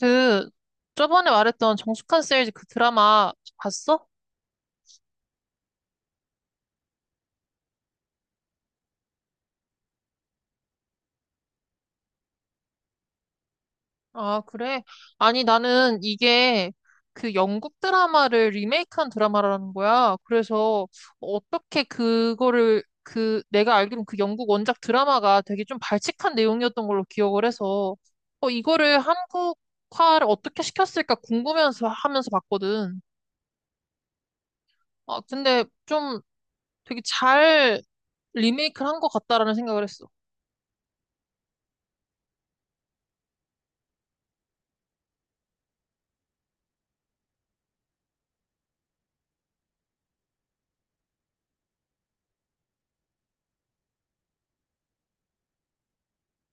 그 저번에 말했던 정숙한 세일즈 그 드라마 봤어? 아, 그래? 아니, 나는 이게 그 영국 드라마를 리메이크한 드라마라는 거야. 그래서 어떻게 그거를 그 내가 알기로는 그 영국 원작 드라마가 되게 좀 발칙한 내용이었던 걸로 기억을 해서 이거를 한국화를 어떻게 시켰을까 궁금해서 하면서 봤거든. 아, 근데 좀 되게 잘 리메이크를 한 것 같다라는 생각을 했어.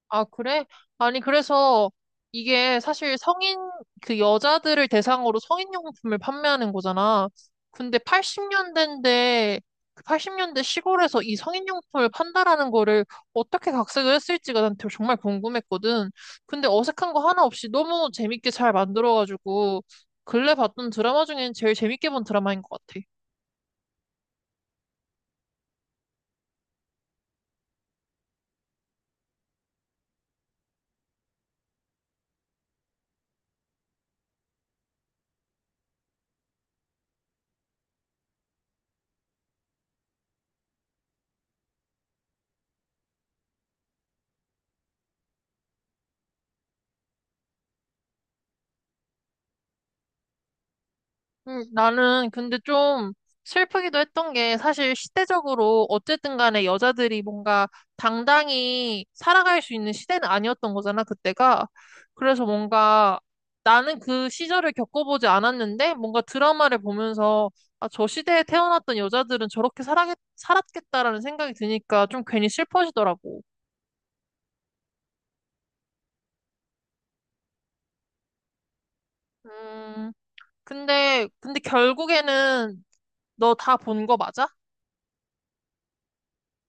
아, 그래? 아니, 그래서 이게 사실 그 여자들을 대상으로 성인용품을 판매하는 거잖아. 근데 80년대인데, 그8년대 시골에서 이 성인용품을 판다라는 거를 어떻게 각색을 했을지가 난 되게 정말 궁금했거든. 근데 어색한 거 하나 없이 너무 재밌게 잘 만들어가지고, 근래 봤던 드라마 중엔 제일 재밌게 본 드라마인 것 같아. 나는 근데 좀 슬프기도 했던 게 사실 시대적으로 어쨌든 간에 여자들이 뭔가 당당히 살아갈 수 있는 시대는 아니었던 거잖아, 그때가. 그래서 뭔가 나는 그 시절을 겪어보지 않았는데 뭔가 드라마를 보면서 아, 저 시대에 태어났던 여자들은 살았겠다라는 생각이 드니까 좀 괜히 슬퍼지더라고. 음, 근데 결국에는 너 다 본 거 맞아?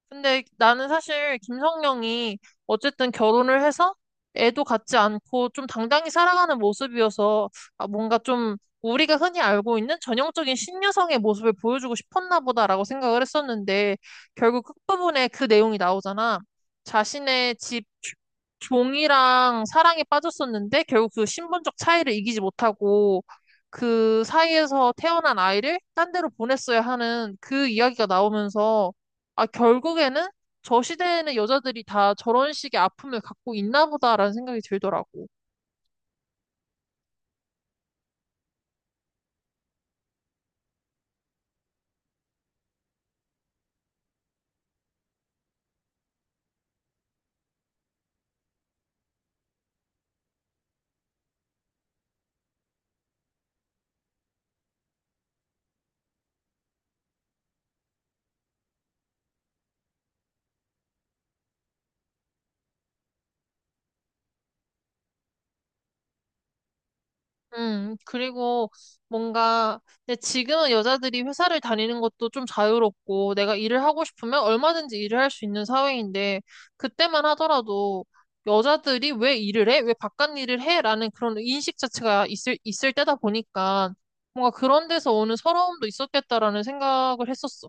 근데 나는 사실 김성령이 어쨌든 결혼을 해서 애도 갖지 않고 좀 당당히 살아가는 모습이어서 아, 뭔가 좀 우리가 흔히 알고 있는 전형적인 신여성의 모습을 보여주고 싶었나 보다라고 생각을 했었는데 결국 끝부분에 그 내용이 나오잖아. 자신의 집 종이랑 사랑에 빠졌었는데 결국 그 신분적 차이를 이기지 못하고 그 사이에서 태어난 아이를 딴 데로 보냈어야 하는 그 이야기가 나오면서 아, 결국에는 저 시대에는 여자들이 다 저런 식의 아픔을 갖고 있나 보다라는 생각이 들더라고. 그리고 뭔가, 근데 지금은 여자들이 회사를 다니는 것도 좀 자유롭고, 내가 일을 하고 싶으면 얼마든지 일을 할 수 있는 사회인데, 그때만 하더라도 여자들이 왜 일을 해? 왜 바깥 일을 해? 라는 그런 인식 자체가 있을 때다 보니까, 뭔가 그런 데서 오는 서러움도 있었겠다라는 생각을 했었어.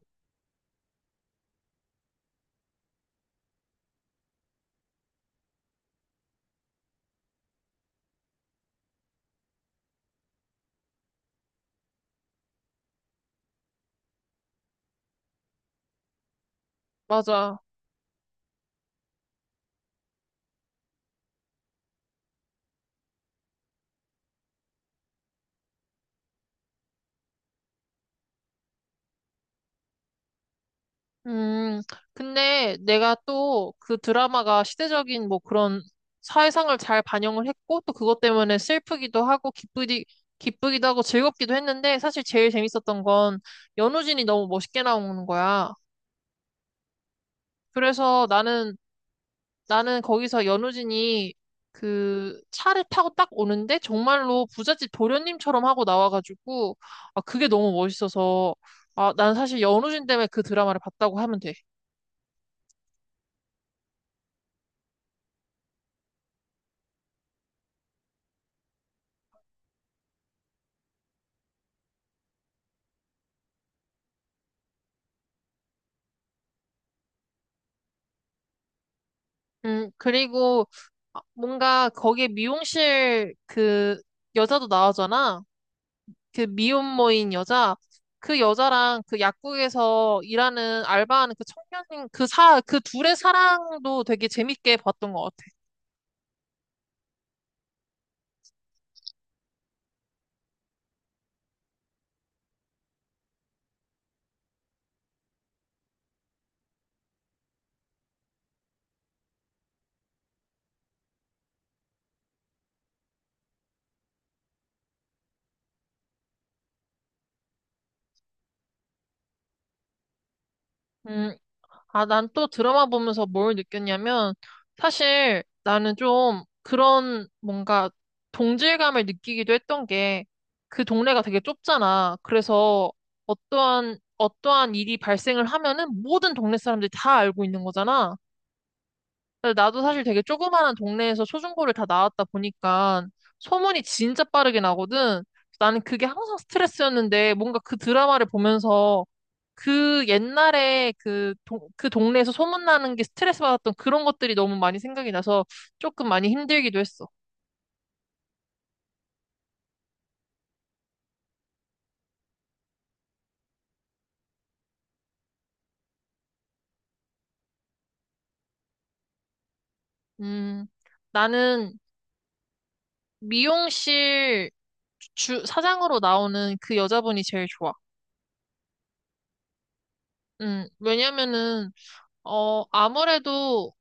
맞아. 음, 근데 내가 또 그 드라마가 시대적인 뭐 그런 사회상을 잘 반영을 했고 또 그것 때문에 슬프기도 하고 기쁘기도 하고 즐겁기도 했는데 사실 제일 재밌었던 건 연우진이 너무 멋있게 나오는 거야. 그래서 나는, 나는 거기서 연우진이 그 차를 타고 딱 오는데 정말로 부잣집 도련님처럼 하고 나와가지고 아, 그게 너무 멋있어서 아, 난 사실 연우진 때문에 그 드라마를 봤다고 하면 돼. 그리고 아, 뭔가 거기에 미용실 그 여자도 나오잖아. 그 미혼모인 여자. 그 여자랑 그 약국에서 일하는 알바하는 그 청년인 그 둘의 사랑도 되게 재밌게 봤던 것 같아. 음, 아, 난 또 드라마 보면서 뭘 느꼈냐면, 사실 나는 좀 그런 뭔가 동질감을 느끼기도 했던 게, 그 동네가 되게 좁잖아. 그래서 어떠한 일이 발생을 하면은 모든 동네 사람들이 다 알고 있는 거잖아. 근데 나도 사실 되게 조그마한 동네에서 초중고를 다 나왔다 보니까 소문이 진짜 빠르게 나거든. 나는 그게 항상 스트레스였는데, 뭔가 그 드라마를 보면서 그 옛날에 그 동네에서 소문나는 게 스트레스 받았던 그런 것들이 너무 많이 생각이 나서 조금 많이 힘들기도 했어. 음, 나는 미용실 사장으로 나오는 그 여자분이 제일 좋아. 왜냐면은, 아무래도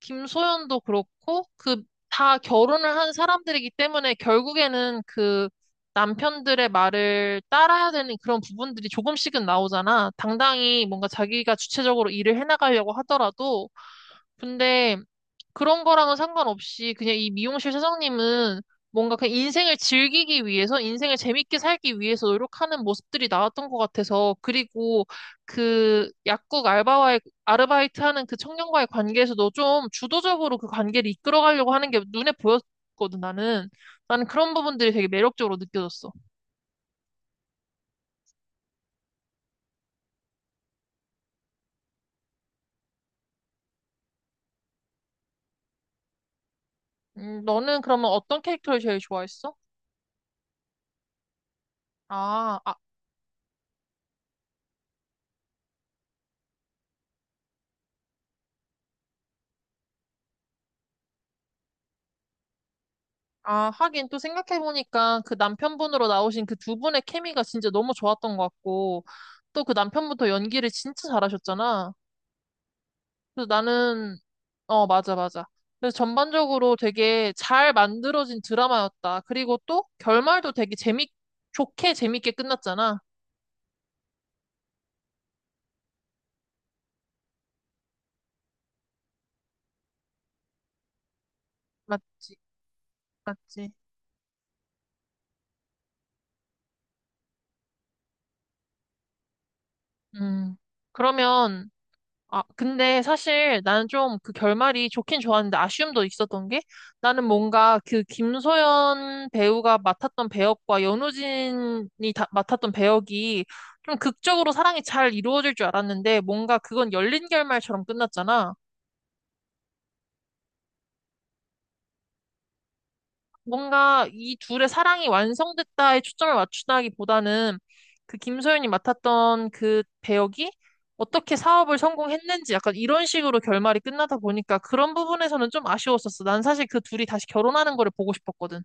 김소연도 그렇고 그 다 결혼을 한 사람들이기 때문에 결국에는 그 남편들의 말을 따라야 되는 그런 부분들이 조금씩은 나오잖아. 당당히 뭔가 자기가 주체적으로 일을 해나가려고 하더라도. 근데 그런 거랑은 상관없이 그냥 이 미용실 사장님은 뭔가 그냥 인생을 즐기기 위해서, 인생을 재밌게 살기 위해서 노력하는 모습들이 나왔던 것 같아서, 그리고 그 약국 알바와의, 아르바이트 하는 그 청년과의 관계에서도 좀 주도적으로 그 관계를 이끌어가려고 하는 게 눈에 보였거든, 나는. 나는 그런 부분들이 되게 매력적으로 느껴졌어. 너는 그러면 어떤 캐릭터를 제일 좋아했어? 아, 아, 하긴 또 생각해보니까 그 남편분으로 나오신 그 두 분의 케미가 진짜 너무 좋았던 것 같고, 또 그 남편부터 연기를 진짜 잘하셨잖아. 그래서 나는, 어, 맞아, 맞아. 그래서 전반적으로 되게 잘 만들어진 드라마였다. 그리고 또 결말도 좋게 재밌게 끝났잖아. 맞지, 맞지. 음. 그러면 아, 근데 사실 나는 좀 그 결말이 좋긴 좋았는데 아쉬움도 있었던 게 나는 뭔가 그 김소연 배우가 맡았던 배역과 연우진이 맡았던 배역이 좀 극적으로 사랑이 잘 이루어질 줄 알았는데 뭔가 그건 열린 결말처럼 끝났잖아. 뭔가 이 둘의 사랑이 완성됐다에 초점을 맞추다기보다는 그 김소연이 맡았던 그 배역이 어떻게 사업을 성공했는지 약간 이런 식으로 결말이 끝나다 보니까 그런 부분에서는 좀 아쉬웠었어. 난 사실 그 둘이 다시 결혼하는 거를 보고 싶었거든.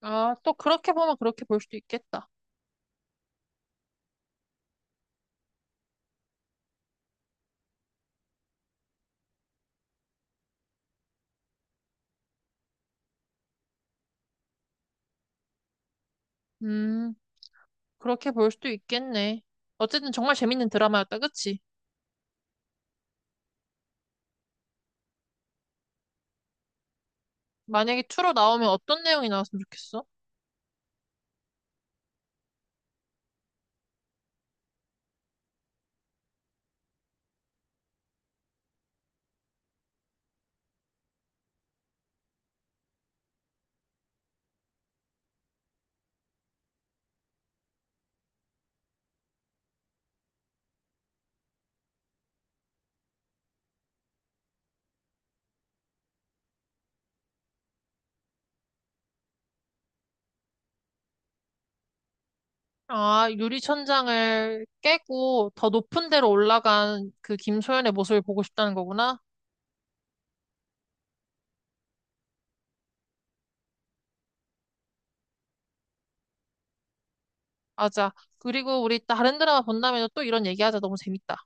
아, 또 그렇게 보면 그렇게 볼 수도 있겠다. 음, 그렇게 볼 수도 있겠네. 어쨌든 정말 재밌는 드라마였다, 그치? 만약에 2로 나오면 어떤 내용이 나왔으면 좋겠어? 아, 유리천장을 깨고 더 높은 데로 올라간 그 김소연의 모습을 보고 싶다는 거구나. 맞아. 그리고 우리 다른 드라마 본다면 또 이런 얘기하자. 너무 재밌다.